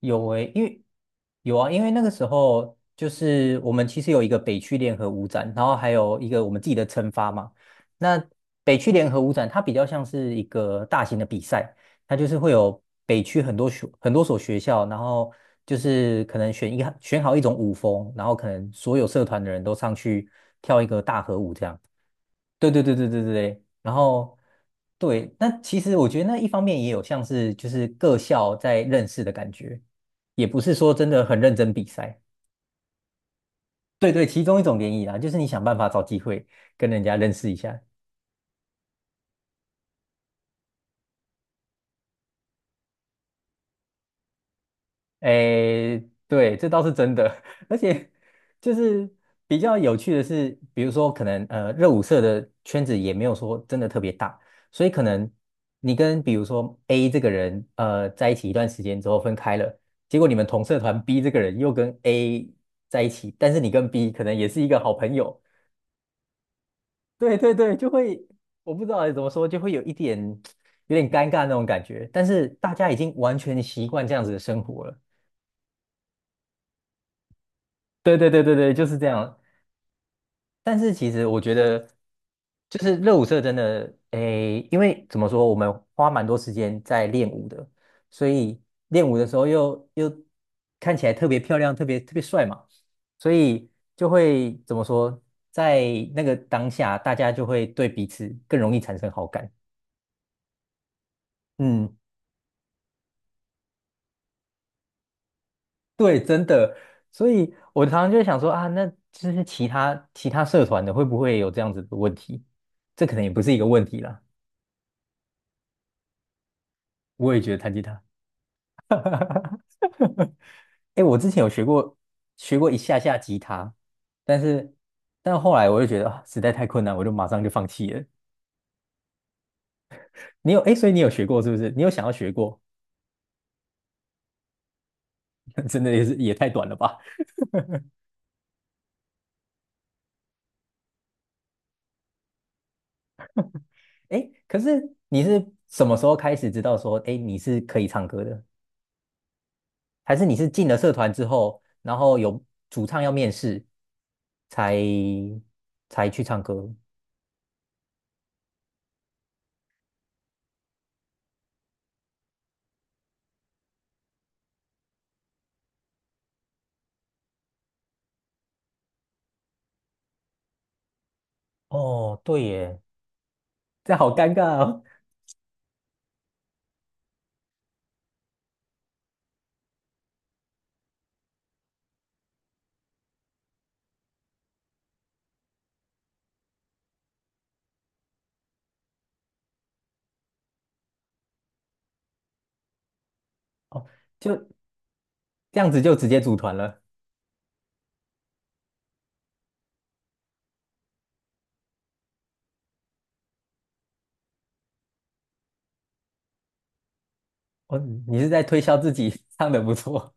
有诶、因为有啊，因为那个时候就是我们其实有一个北区联合舞展，然后还有一个我们自己的称发嘛。那北区联合舞展它比较像是一个大型的比赛，它就是会有北区很多所学校，然后就是可能选一选好一种舞风，然后可能所有社团的人都上去跳一个大合舞这样。对对对对对对对，然后对，那其实我觉得那一方面也有像是就是各校在认识的感觉，也不是说真的很认真比赛。对对，其中一种联谊啦，就是你想办法找机会跟人家认识一下。诶，对，这倒是真的，而且就是比较有趣的是，比如说可能热舞社的圈子也没有说真的特别大，所以可能你跟比如说 A 这个人在一起一段时间之后分开了，结果你们同社团 B 这个人又跟 A 在一起，但是你跟 B 可能也是一个好朋友，对对对，就会我不知道怎么说，就会有点尴尬那种感觉，但是大家已经完全习惯这样子的生活了。对对对对对，就是这样。但是其实我觉得，就是热舞社真的，诶，因为怎么说，我们花蛮多时间在练舞的，所以练舞的时候又看起来特别漂亮，特别特别帅嘛，所以就会怎么说，在那个当下，大家就会对彼此更容易产生好感。嗯，对，真的。所以我常常就会想说啊，那就是其他社团的会不会有这样子的问题？这可能也不是一个问题啦，我也觉得弹吉他。哎我之前有学过一下下吉他，但是但后来我就觉得啊，实在太困难，我就马上就放弃了。你有哎，诶所以你有学过是不是？你有想要学过？真的也是也太短了吧？哎，可是你是什么时候开始知道说，哎，你是可以唱歌的？还是你是进了社团之后，然后有主唱要面试，才才去唱歌？哦，对耶，这好尴尬哦。哦，就这样子就直接组团了。哦，你是在推销自己 唱的不错。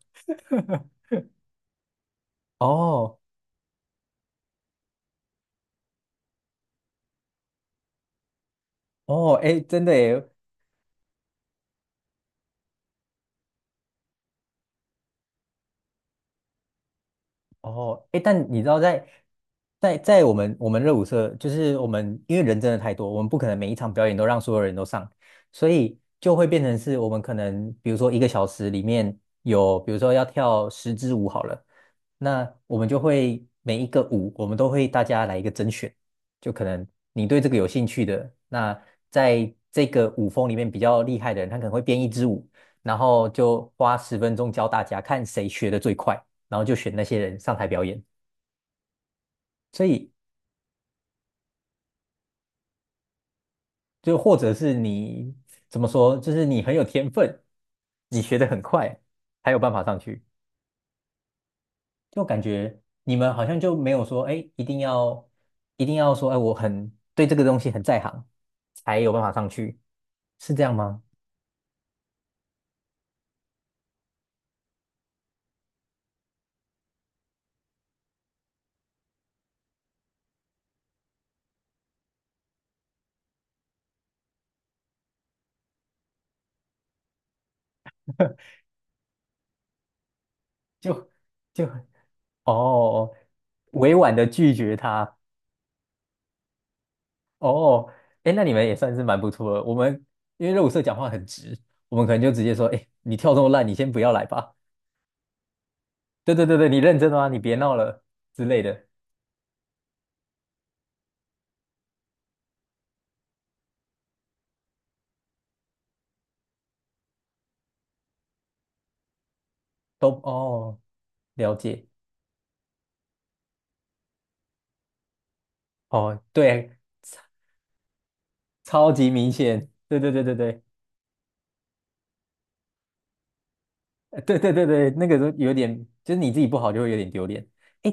哦哦，哎，真的耶，哦，哎，但你知道在，我们热舞社，就是我们因为人真的太多，我们不可能每一场表演都让所有人都上，所以就会变成是我们可能比如说一个小时里面有，比如说要跳10支舞好了，那我们就会每一个舞我们都会大家来一个甄选，就可能你对这个有兴趣的，那在这个舞风里面比较厉害的人，他可能会编一支舞，然后就花10分钟教大家看谁学的最快。然后就选那些人上台表演。所以就或者是你怎么说，就是你很有天分，你学得很快，才有办法上去。就感觉你们好像就没有说，哎，一定要说，哎，我很对这个东西很在行，才有办法上去，是这样吗？就就哦，委婉的拒绝他。哦，哎，那你们也算是蛮不错的。我们因为肉色讲话很直，我们可能就直接说，哎，你跳这么烂，你先不要来吧。对对对对，你认真的吗？你别闹了之类的，都哦，了解哦，对，超级明显，对对对对对，对对对对，那个都有点，就是你自己不好就会有点丢脸。哎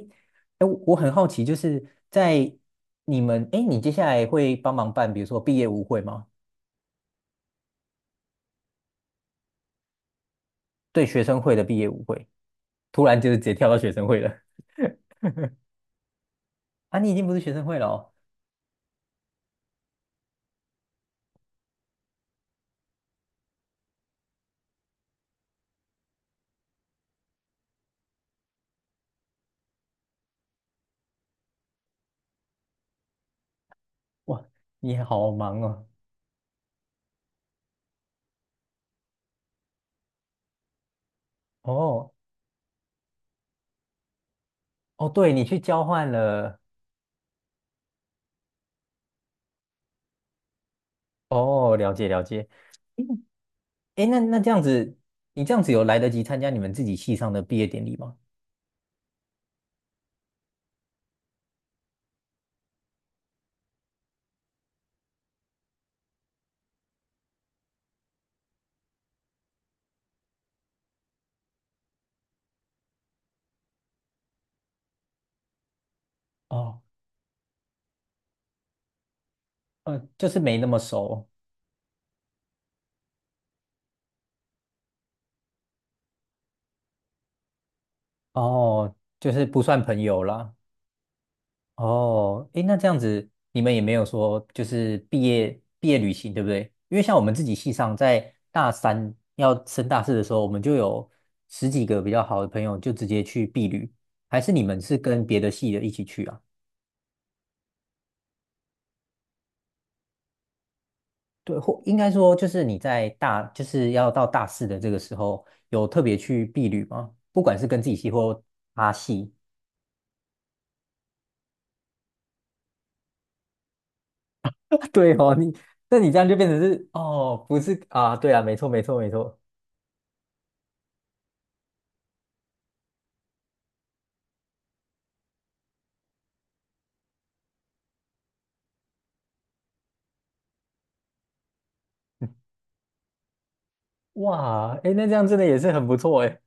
哎，我很好奇，就是在你们，哎，你接下来会帮忙办，比如说毕业舞会吗？对，学生会的毕业舞会，突然就是直接跳到学生会了啊！你已经不是学生会了哦，哇，你好忙哦，哦哦，对，你去交换了，哦，了解了解。诶哎，那这样子，你这样子有来得及参加你们自己系上的毕业典礼吗？哦，就是没那么熟，哦，就是不算朋友啦。哦，哎，那这样子，你们也没有说就是毕业旅行，对不对？因为像我们自己系上，在大三要升大四的时候，我们就有十几个比较好的朋友就直接去毕旅，还是你们是跟别的系的一起去啊？对，或应该说就是你在大，就是要到大四的这个时候，有特别去避旅吗？不管是跟自己系或阿系。对哦，那你这样就变成是哦，不是啊，对啊，没错，没错，没错。哇，哎，那这样真的也是很不错哎。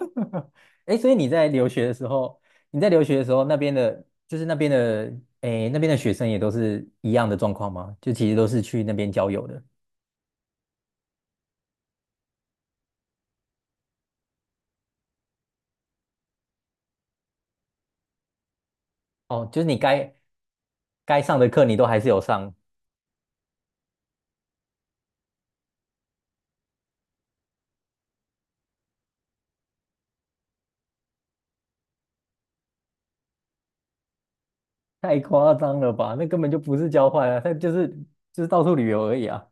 哎，所以你在留学的时候，那边的，哎，那边的学生也都是一样的状况吗？就其实都是去那边交友的。哦，就是你该上的课你都还是有上，太夸张了吧？那根本就不是交换啊，他就是到处旅游而已啊。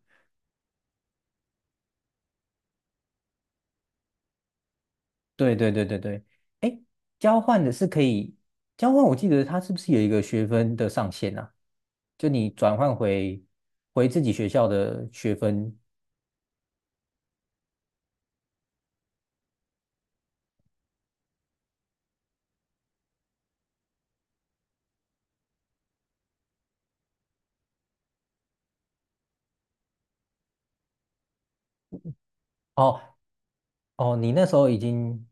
对对对对对，哎，交换的是可以交换，我记得它是不是有一个学分的上限啊？就你转换回自己学校的学分，哦哦，你那时候已经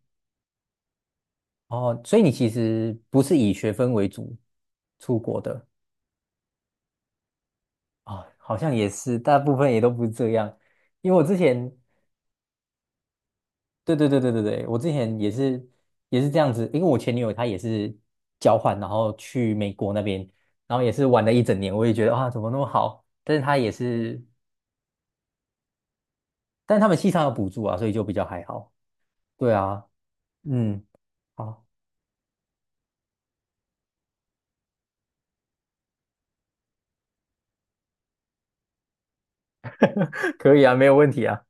哦，所以你其实不是以学分为主出国的。啊、好像也是，大部分也都不是这样。因为我之前对对对对对对，我之前也是这样子，因为我前女友她也是交换，然后去美国那边，然后也是玩了一整年，我也觉得啊怎么那么好，但是她也是，但是他们系上有补助啊，所以就比较还好。对啊，嗯，好，可以啊，没有问题啊，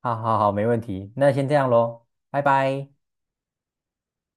好好好，没问题，那先这样喽，拜拜。